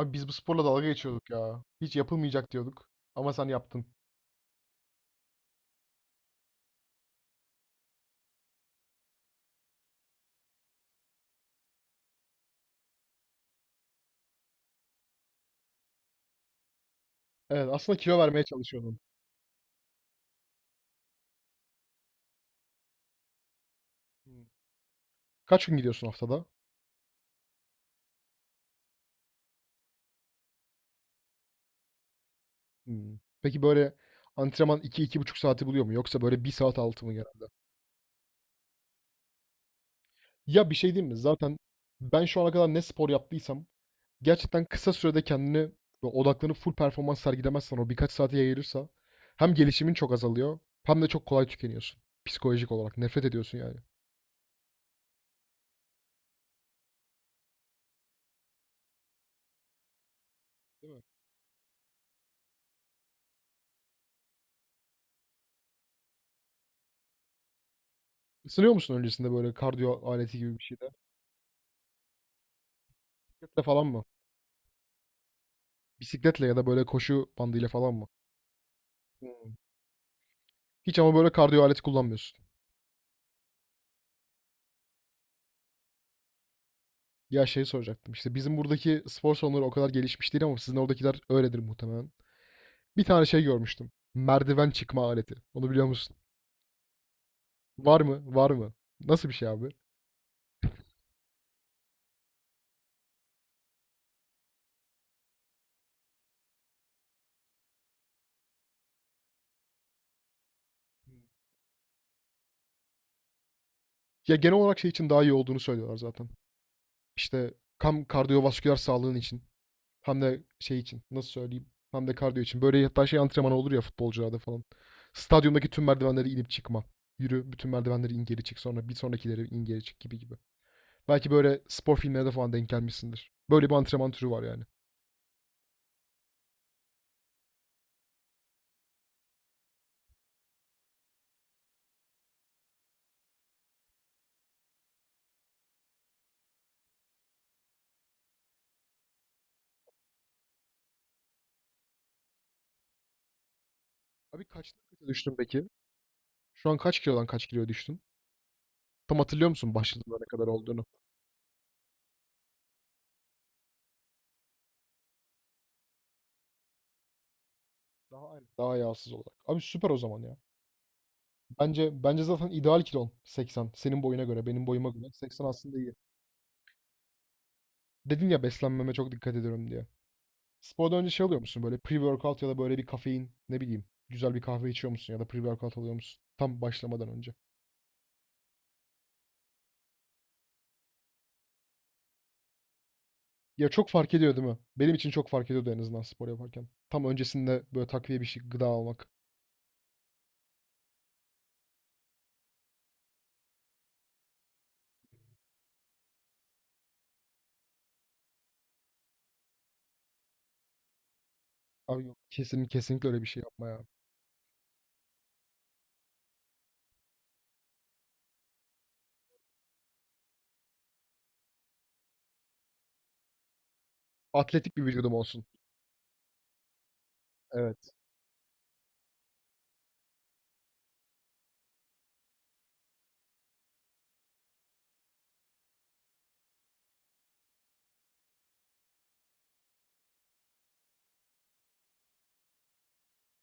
Abi biz bu sporla dalga geçiyorduk ya. Hiç yapılmayacak diyorduk ama sen yaptın. Evet, aslında kilo vermeye çalışıyordun. Hımm. Kaç gün gidiyorsun haftada? Hımm. Peki, böyle, antrenman iki iki buçuk saati buluyor mu yoksa, böyle, bir saat altı mı genelde? Ya, bir şey diyeyim mi? Zaten ben şu ana kadar ne spor yaptıysam gerçekten kısa sürede kendini ve odaklanıp full performans sergilemezsen o birkaç saate yayılırsa hem gelişimin çok azalıyor hem de çok kolay tükeniyorsun psikolojik olarak. Nefret ediyorsun yani. Değil mi? Isınıyor musun öncesinde, böyle, kardiyo aleti gibi bir şeyde? Kütle falan mı? Bisikletle ya da böyle koşu bandıyla falan mı? Hmm. Hiç ama böyle kardiyo aleti kullanmıyorsun. Ya şey soracaktım. İşte bizim buradaki spor salonları o kadar gelişmiş değil ama sizin oradakiler öyledir muhtemelen. Bir tane şey görmüştüm. Merdiven çıkma aleti. Onu biliyor musun? Var mı? Var mı? Nasıl bir şey abi? Ya genel olarak şey için daha iyi olduğunu söylüyorlar zaten. İşte kam kardiyovasküler sağlığın için. Hem de şey için nasıl söyleyeyim? Hem de kardiyo için. Böyle hatta şey antrenmanı olur ya futbolcularda falan. Stadyumdaki tüm merdivenleri inip çıkma. Yürü bütün merdivenleri in geri çık sonra bir sonrakileri in geri çık gibi gibi. Belki böyle spor filmlerine de falan denk gelmişsindir. Böyle bir antrenman türü var yani. Abi kaçta düştün peki? Şu an kaç kilodan kaç kiloya düştün? Tam hatırlıyor musun başladığında ne kadar olduğunu? Daha aynı. Daha yağsız olarak. Abi süper o zaman ya. Bence zaten ideal kilon 80. Senin boyuna göre, benim boyuma göre 80 aslında iyi. Dedin ya beslenmeme çok dikkat ediyorum diye. Spordan önce şey alıyor musun böyle pre-workout ya da böyle bir kafein ne bileyim güzel bir kahve içiyor musun ya da pre-workout alıyor musun tam başlamadan önce? Ya çok fark ediyor değil mi? Benim için çok fark ediyordu en azından spor yaparken. Tam öncesinde böyle takviye bir şey gıda almak. Abi yok kesinlikle öyle bir şey yapma ya. Atletik bir vücudum olsun. Evet.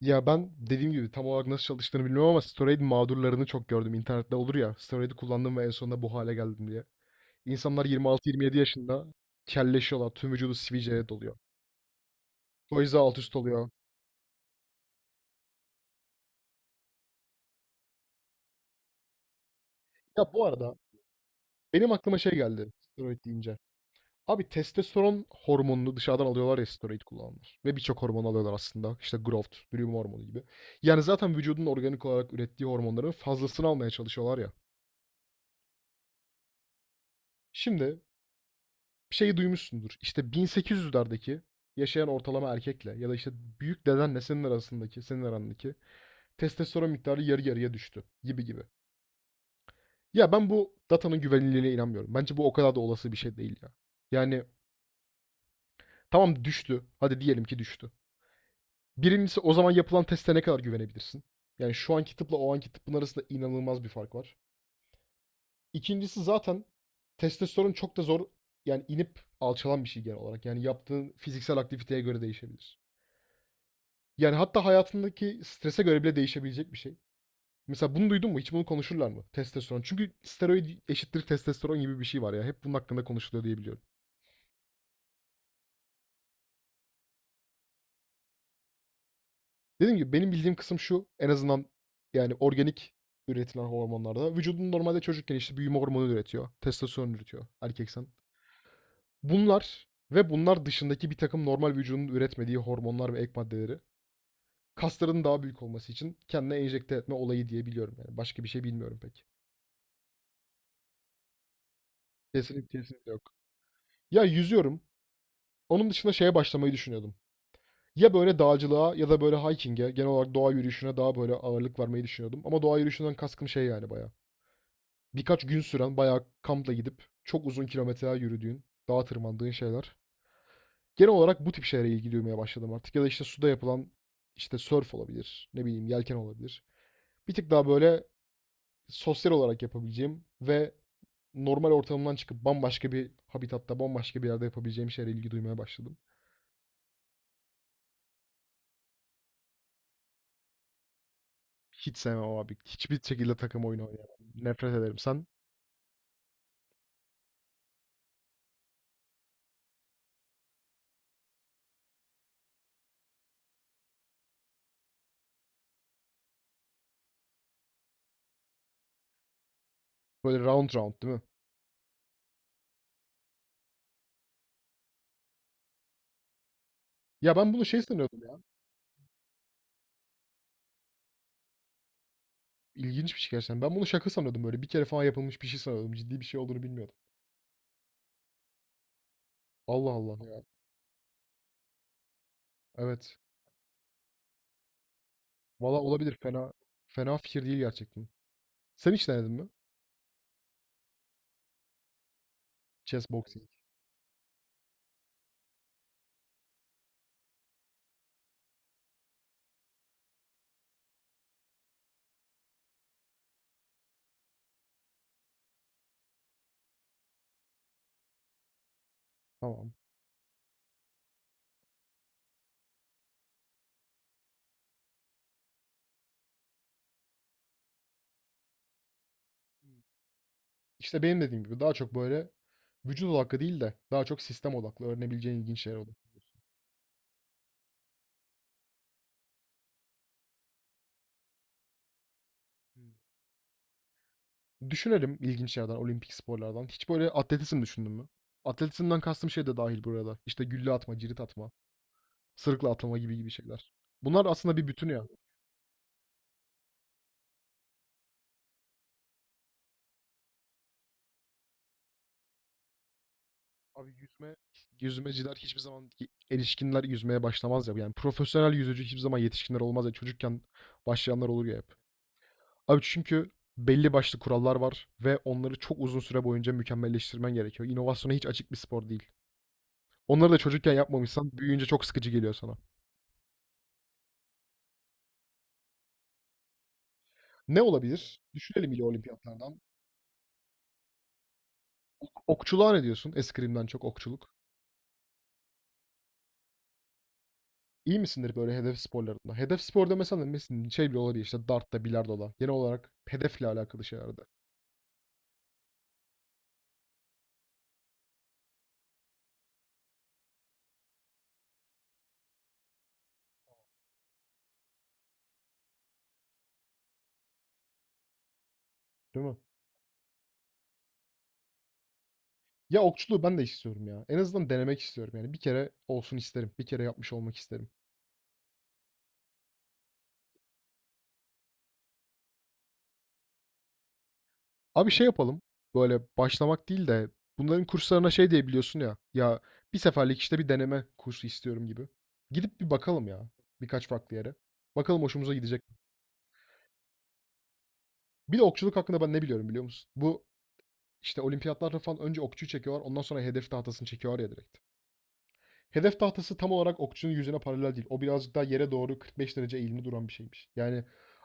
Ya ben dediğim gibi tam olarak nasıl çalıştığını bilmiyorum ama Storade mağdurlarını çok gördüm. İnternette olur ya. Storade'i kullandım ve en sonunda bu hale geldim diye. İnsanlar 26-27 yaşında kelleşiyorlar. Tüm vücudu sivilceye doluyor. O alt üst oluyor. Ya bu arada benim aklıma şey geldi steroid deyince. Abi testosteron hormonunu dışarıdan alıyorlar ya steroid kullananlar. Ve birçok hormon alıyorlar aslında. İşte growth, büyüme hormonu gibi. Yani zaten vücudun organik olarak ürettiği hormonların fazlasını almaya çalışıyorlar ya. Şimdi şeyi duymuşsundur. İşte 1800'lerdeki yaşayan ortalama erkekle ya da işte büyük dedenle senin arasındaki, senin arandaki testosteron miktarı yarı yarıya düştü gibi gibi. Ya ben bu datanın güvenilirliğine inanmıyorum. Bence bu o kadar da olası bir şey değil ya. Yani tamam düştü. Hadi diyelim ki düştü. Birincisi o zaman yapılan teste ne kadar güvenebilirsin? Yani şu anki tıpla o anki tıpın arasında inanılmaz bir fark var. İkincisi zaten testosteron çok da zor yani inip alçalan bir şey genel olarak. Yani yaptığın fiziksel aktiviteye göre değişebilir. Yani hatta hayatındaki strese göre bile değişebilecek bir şey. Mesela bunu duydun mu? Hiç bunu konuşurlar mı? Testosteron. Çünkü steroid eşittir testosteron gibi bir şey var ya. Hep bunun hakkında konuşuluyor diye biliyorum. Dediğim gibi benim bildiğim kısım şu. En azından yani organik üretilen hormonlarda. Vücudun normalde çocukken işte büyüme hormonu üretiyor. Testosteron üretiyor erkeksen. Bunlar ve bunlar dışındaki bir takım normal vücudun üretmediği hormonlar ve ek maddeleri kasların daha büyük olması için kendine enjekte etme olayı diye biliyorum yani. Başka bir şey bilmiyorum pek. Kesinlikle yok. Ya yüzüyorum. Onun dışında şeye başlamayı düşünüyordum. Ya böyle dağcılığa ya da böyle hiking'e, genel olarak doğa yürüyüşüne daha böyle ağırlık vermeyi düşünüyordum. Ama doğa yürüyüşünden kaskım şey yani bayağı. Birkaç gün süren bayağı kampla gidip çok uzun kilometreler yürüdüğün, dağa tırmandığın şeyler. Genel olarak bu tip şeylere ilgi duymaya başladım artık. Ya da işte suda yapılan işte surf olabilir, ne bileyim yelken olabilir. Bir tık daha böyle sosyal olarak yapabileceğim ve normal ortamından çıkıp bambaşka bir habitatta, bambaşka bir yerde yapabileceğim şeylere ilgi duymaya başladım. Hiç sevmem abi. Hiçbir şekilde takım oyunu oynayamam. Nefret ederim. Sen böyle round round değil mi? Ya ben bunu şey sanıyordum ya. İlginç bir şey gerçekten. Ben bunu şaka sanıyordum böyle. Bir kere falan yapılmış bir şey sanıyordum. Ciddi bir şey olduğunu bilmiyordum. Allah Allah ya. Evet. Valla olabilir. Fena fikir değil gerçekten. Sen hiç denedin mi? Chess boxing. Tamam. İşte benim dediğim gibi daha çok böyle vücut odaklı değil de daha çok sistem odaklı öğrenebileceğin ilginç şeyler oldu. Düşünelim ilginç yerden, olimpik sporlardan. Hiç böyle atletizm düşündün mü? Atletizmden kastım şey de dahil burada, arada. İşte gülle atma, cirit atma, sırıkla atlama gibi gibi şeyler. Bunlar aslında bir bütün ya. Abi yüzme, yüzmeciler hiçbir zaman erişkinler yüzmeye başlamaz ya. Yani profesyonel yüzücü hiçbir zaman yetişkinler olmaz ya. Çocukken başlayanlar olur ya hep. Abi çünkü belli başlı kurallar var ve onları çok uzun süre boyunca mükemmelleştirmen gerekiyor. İnovasyona hiç açık bir spor değil. Onları da çocukken yapmamışsan büyüyünce çok sıkıcı geliyor sana. Ne olabilir? Düşünelim yine olimpiyatlardan. Okçuluğa ne diyorsun? Eskrimden çok okçuluk. İyi misindir böyle hedef sporlarında? Hedef sporda mesela şey bile olabilir işte dartta, bilardoda. Genel olarak hedefle alakalı şeylerde. Değil mi? Ya okçuluğu ben de istiyorum ya. En azından denemek istiyorum yani. Bir kere olsun isterim. Bir kere yapmış olmak isterim. Abi şey yapalım. Böyle başlamak değil de bunların kurslarına şey diye biliyorsun ya. Ya bir seferlik işte bir deneme kursu istiyorum gibi. Gidip bir bakalım ya. Birkaç farklı yere. Bakalım hoşumuza gidecek mi? Bir de okçuluk hakkında ben ne biliyorum biliyor musun? Bu işte olimpiyatlarda falan önce okçuyu çekiyorlar ondan sonra hedef tahtasını çekiyorlar ya direkt. Hedef tahtası tam olarak okçunun yüzüne paralel değil. O birazcık daha yere doğru 45 derece eğimli duran bir şeymiş. Yani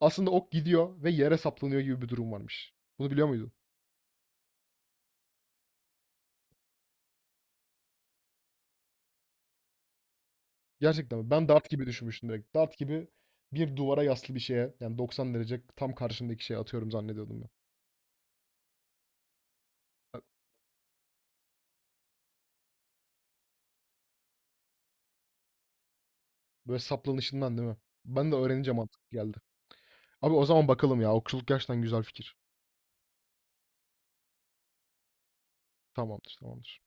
aslında ok gidiyor ve yere saplanıyor gibi bir durum varmış. Bunu biliyor muydun? Gerçekten mi? Ben dart gibi düşünmüştüm direkt. Dart gibi bir duvara yaslı bir şeye yani 90 derece tam karşındaki şeye atıyorum zannediyordum ben. Böyle saplanışından değil mi? Ben de öğrenince mantıklı geldi. Abi o zaman bakalım ya. Okçuluk gerçekten güzel fikir. Tamamdır, tamamdır.